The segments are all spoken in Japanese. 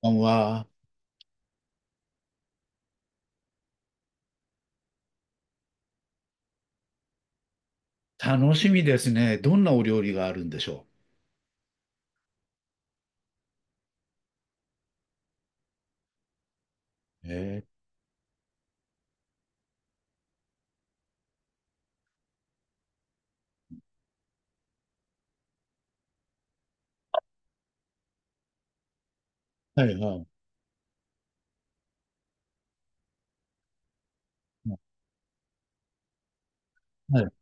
こんばんは。楽しみですね。どんなお料理があるんでしょう？はいはい。はい。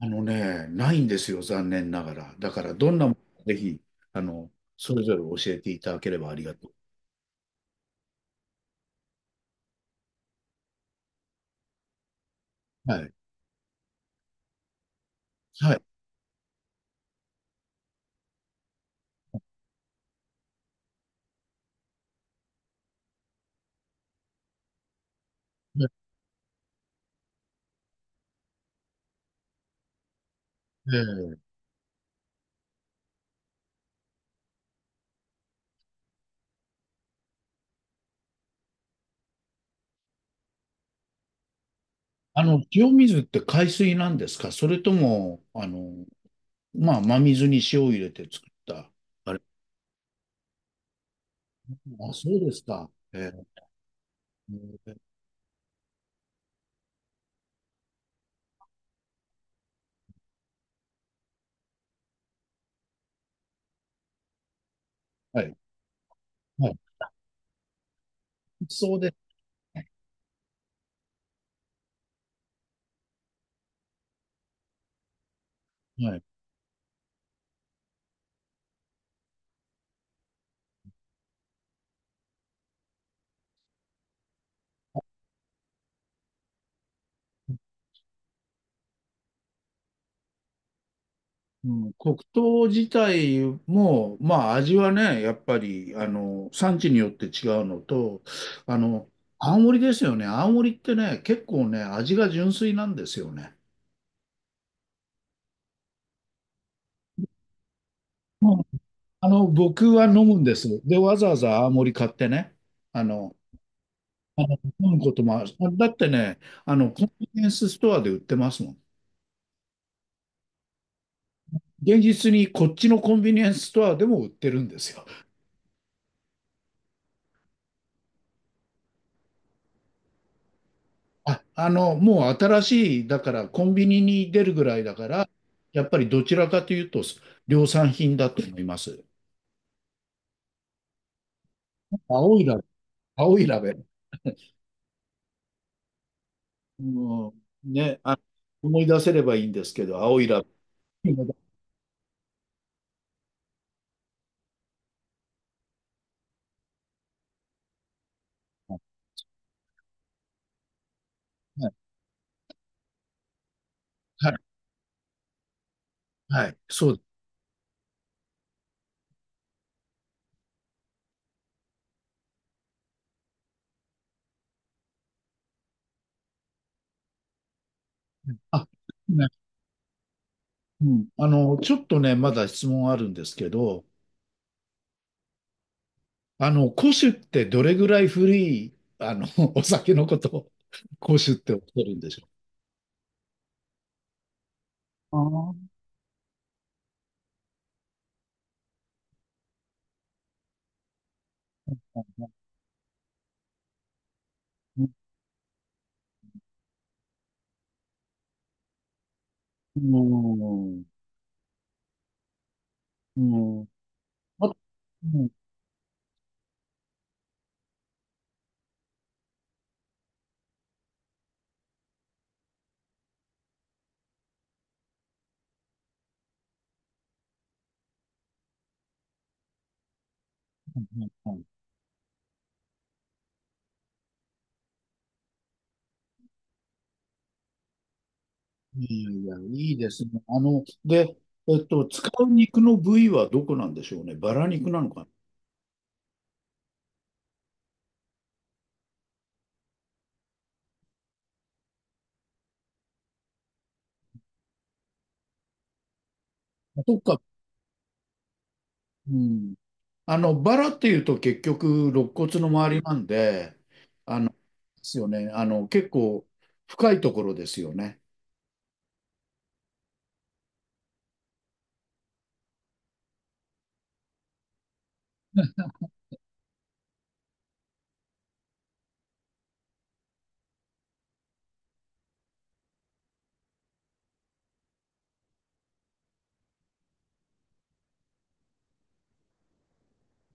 あのね、ないんですよ、残念ながら。だから、どんなものかぜひ、あの、それぞれ教えていただければありがとう。はい。はい。ええ塩水って海水なんですか？それとも、まあ、真水に塩を入れて作った、あれ。あ、そうですか。ええはい。はい。そうです。はい。うん、黒糖自体も、まあ味はね、やっぱり、産地によって違うのと、あの、青森ですよね。青森ってね、結構ね、味が純粋なんですよね。僕は飲むんです。で、わざわざ青森買ってね、あの、あの飲むこともある。だってね、コンビニエンスストアで売ってますもん。現実にこっちのコンビニエンスストアでも売ってるんですよ。あ、もう新しい、だからコンビニに出るぐらいだから、やっぱりどちらかというと量産品だと思います。青いラベ、青いラベ。うん、ね、あ、思い出せればいいんですけど、青いラベ。はい、はい、はい、そう。あ、ね、うん。ちょっとね、まだ質問あるんですけど、古酒ってどれぐらい古い、お酒のことを古酒っておっしゃるんでしょう？ああ、うん。うん。あ、うん、はい、はい。いいやいや、いいですね。で、使う肉の部位はどこなんでしょうね。バラ肉なのかな。どっか、うん。バラっていうと結局、肋骨の周りなんで、ですよね。結構深いところですよね。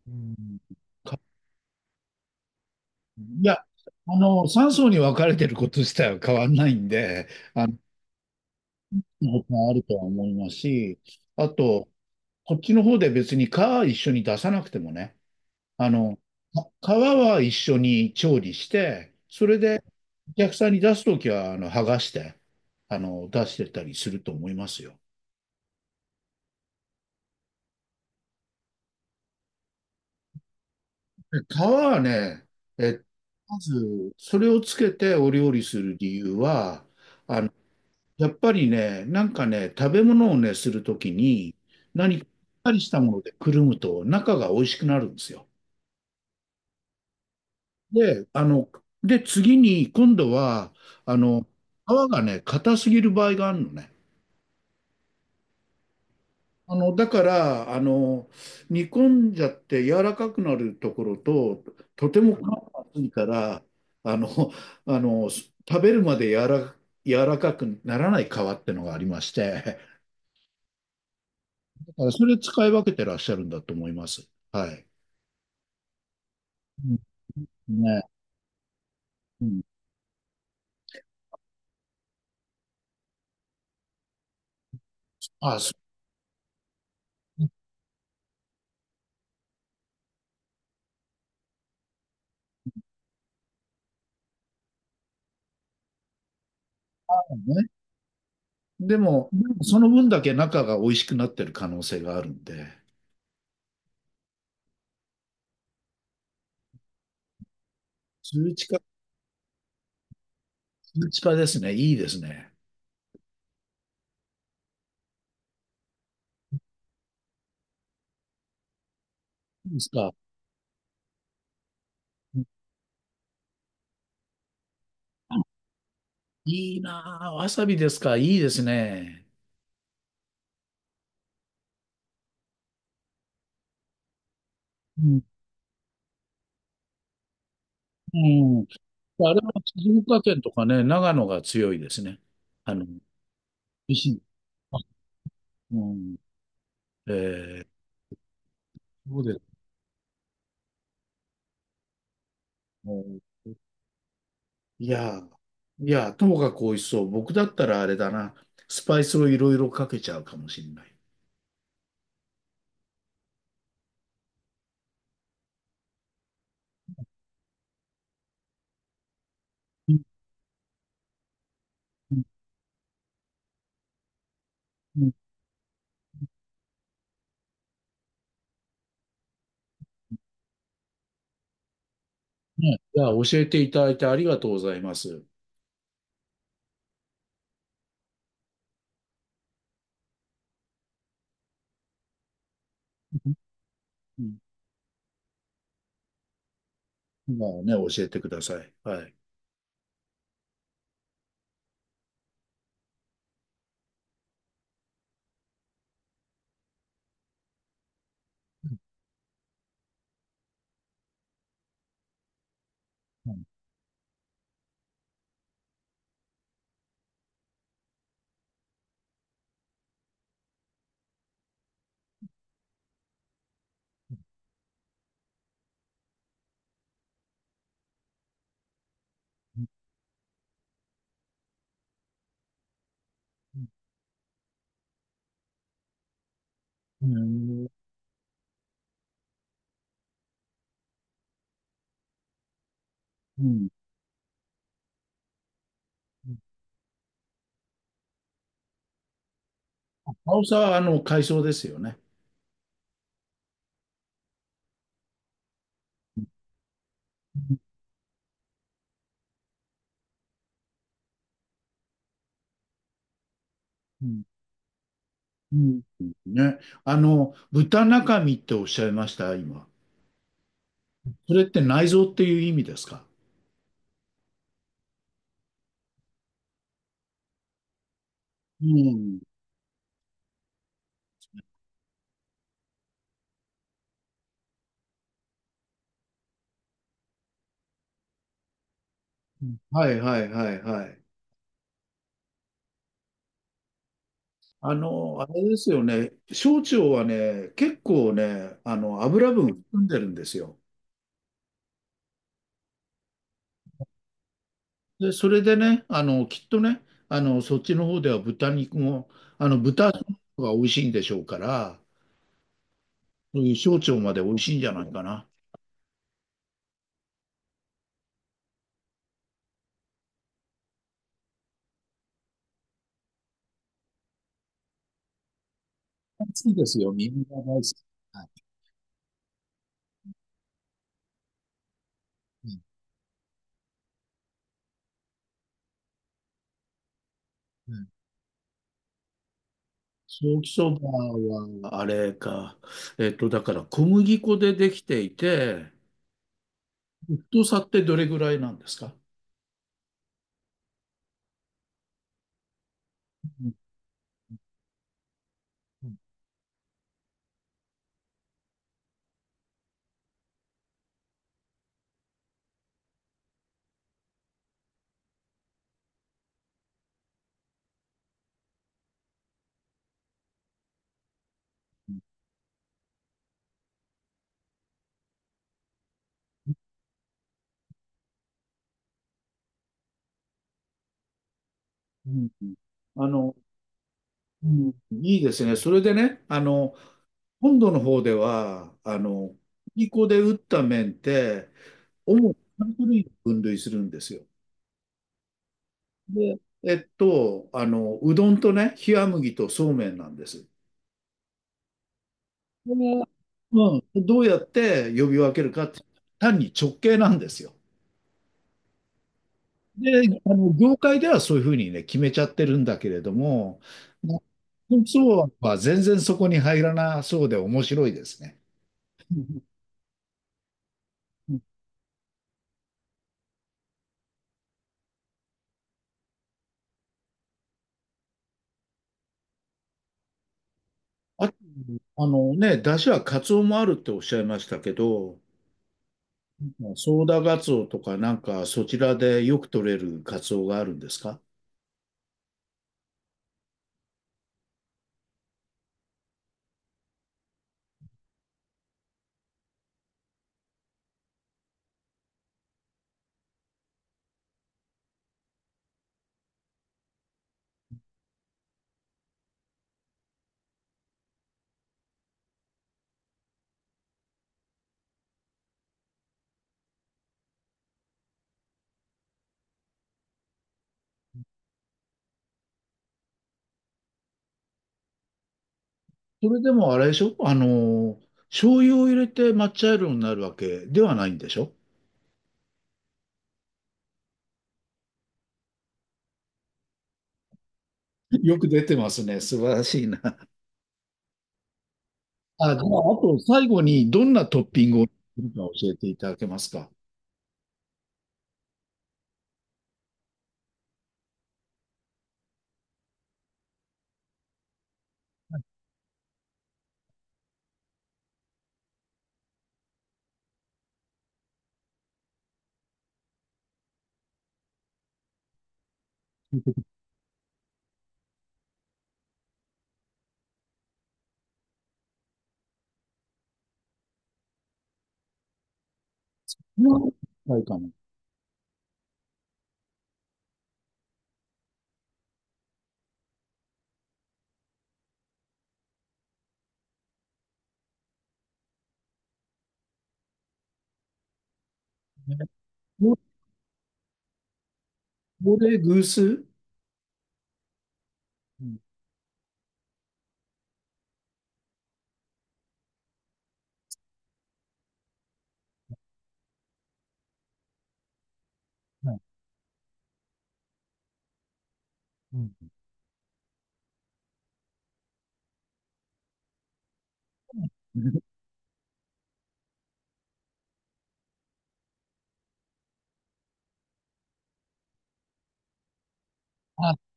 うん。かいや、3層に分かれてること自体は変わんないんで、もあるとは思いますし、あと、こっちの方で別に皮は一緒に出さなくてもね、あの、皮は一緒に調理して、それでお客さんに出すときは、剥がして、出してたりすると思いますよ。で皮はね、え、まず、それをつけてお料理する理由は、あの、やっぱりね、なんかね、食べ物をね、するときに、何かしっかりしたものでくるむと、中が美味しくなるんですよ。で、あの、で、次に、今度は、あの、皮がね、硬すぎる場合があるのね。だから、煮込んじゃって柔らかくなるところと、とても皮が厚いから、あの、食べるまで柔らかくならない皮ってのがありまして、だからそれ使い分けてらっしゃるんだと思います。はい。うんね。うん。あ、そうね。でもその分だけ中が美味しくなってる可能性があるんで。通知か、通知かですね。いいですね。いいですか？うんいいなぁ、わさびですか？いいですね。うん。うん。あれは静岡県とかね、長野が強いですね。美味しい。あうん。えー、そうですね。ういやーいやーともかく美味しそう。僕だったらあれだな。スパイスをいろいろかけちゃうかもしれない。うんうんうんね、いや、教えていただいてありがとうございます。うん、今はね、教えてください。はい。うん。うん。うん。あおさは、海藻ですよね。うん。うん。ね。豚中身っておっしゃいました、今。それって内臓っていう意味ですか？うん。はいはいはいはい。あれですよね。小腸はね、結構ね、油分含んでるんですよ。で、それでね、きっとね、そっちの方では豚肉も、豚の方が美味しいんでしょうから、そういう小腸まで美味しいんじゃないかな。暑いですよ。みんな大好き。はい。うんうんソーキそばは、あれか。だから小麦粉でできていて、太さってどれぐらいなんですか？うんうんうんあの、うんいいですね。それでね、本土の方では、小麦粉で打った麺って、主に3種類に分類するんですよ。で、うどんとね、冷麦とそうめんなんです。これはうん、どうやって呼び分けるかって、単に直系なんですよ。で、あの業界ではそういうふうにね、決めちゃってるんだけれども、なそうは全然そこに入らなそうで面白いですね。うんあと、あのね、出汁はカツオもあるっておっしゃいましたけど、ソーダガツオとかなんかそちらでよく取れるカツオがあるんですか？それでもあれでしょ、醤油を入れて抹茶色になるわけではないんでしょ？よく出てますね。素晴らしいな。あ、じゃあ、あと最後にどんなトッピングをするか教えていただけますか。はいかもね。これ、偶数うんはい。うん。あ、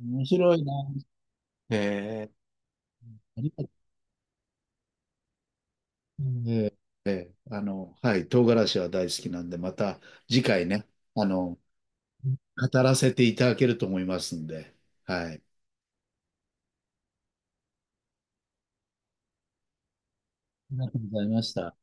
面白いな。へえ。ありがとう。ーえーあの、はい、唐辛子は大好きなんで、また次回ね、あの、語らせていただけると思いますんで、はい。ありがとうございました。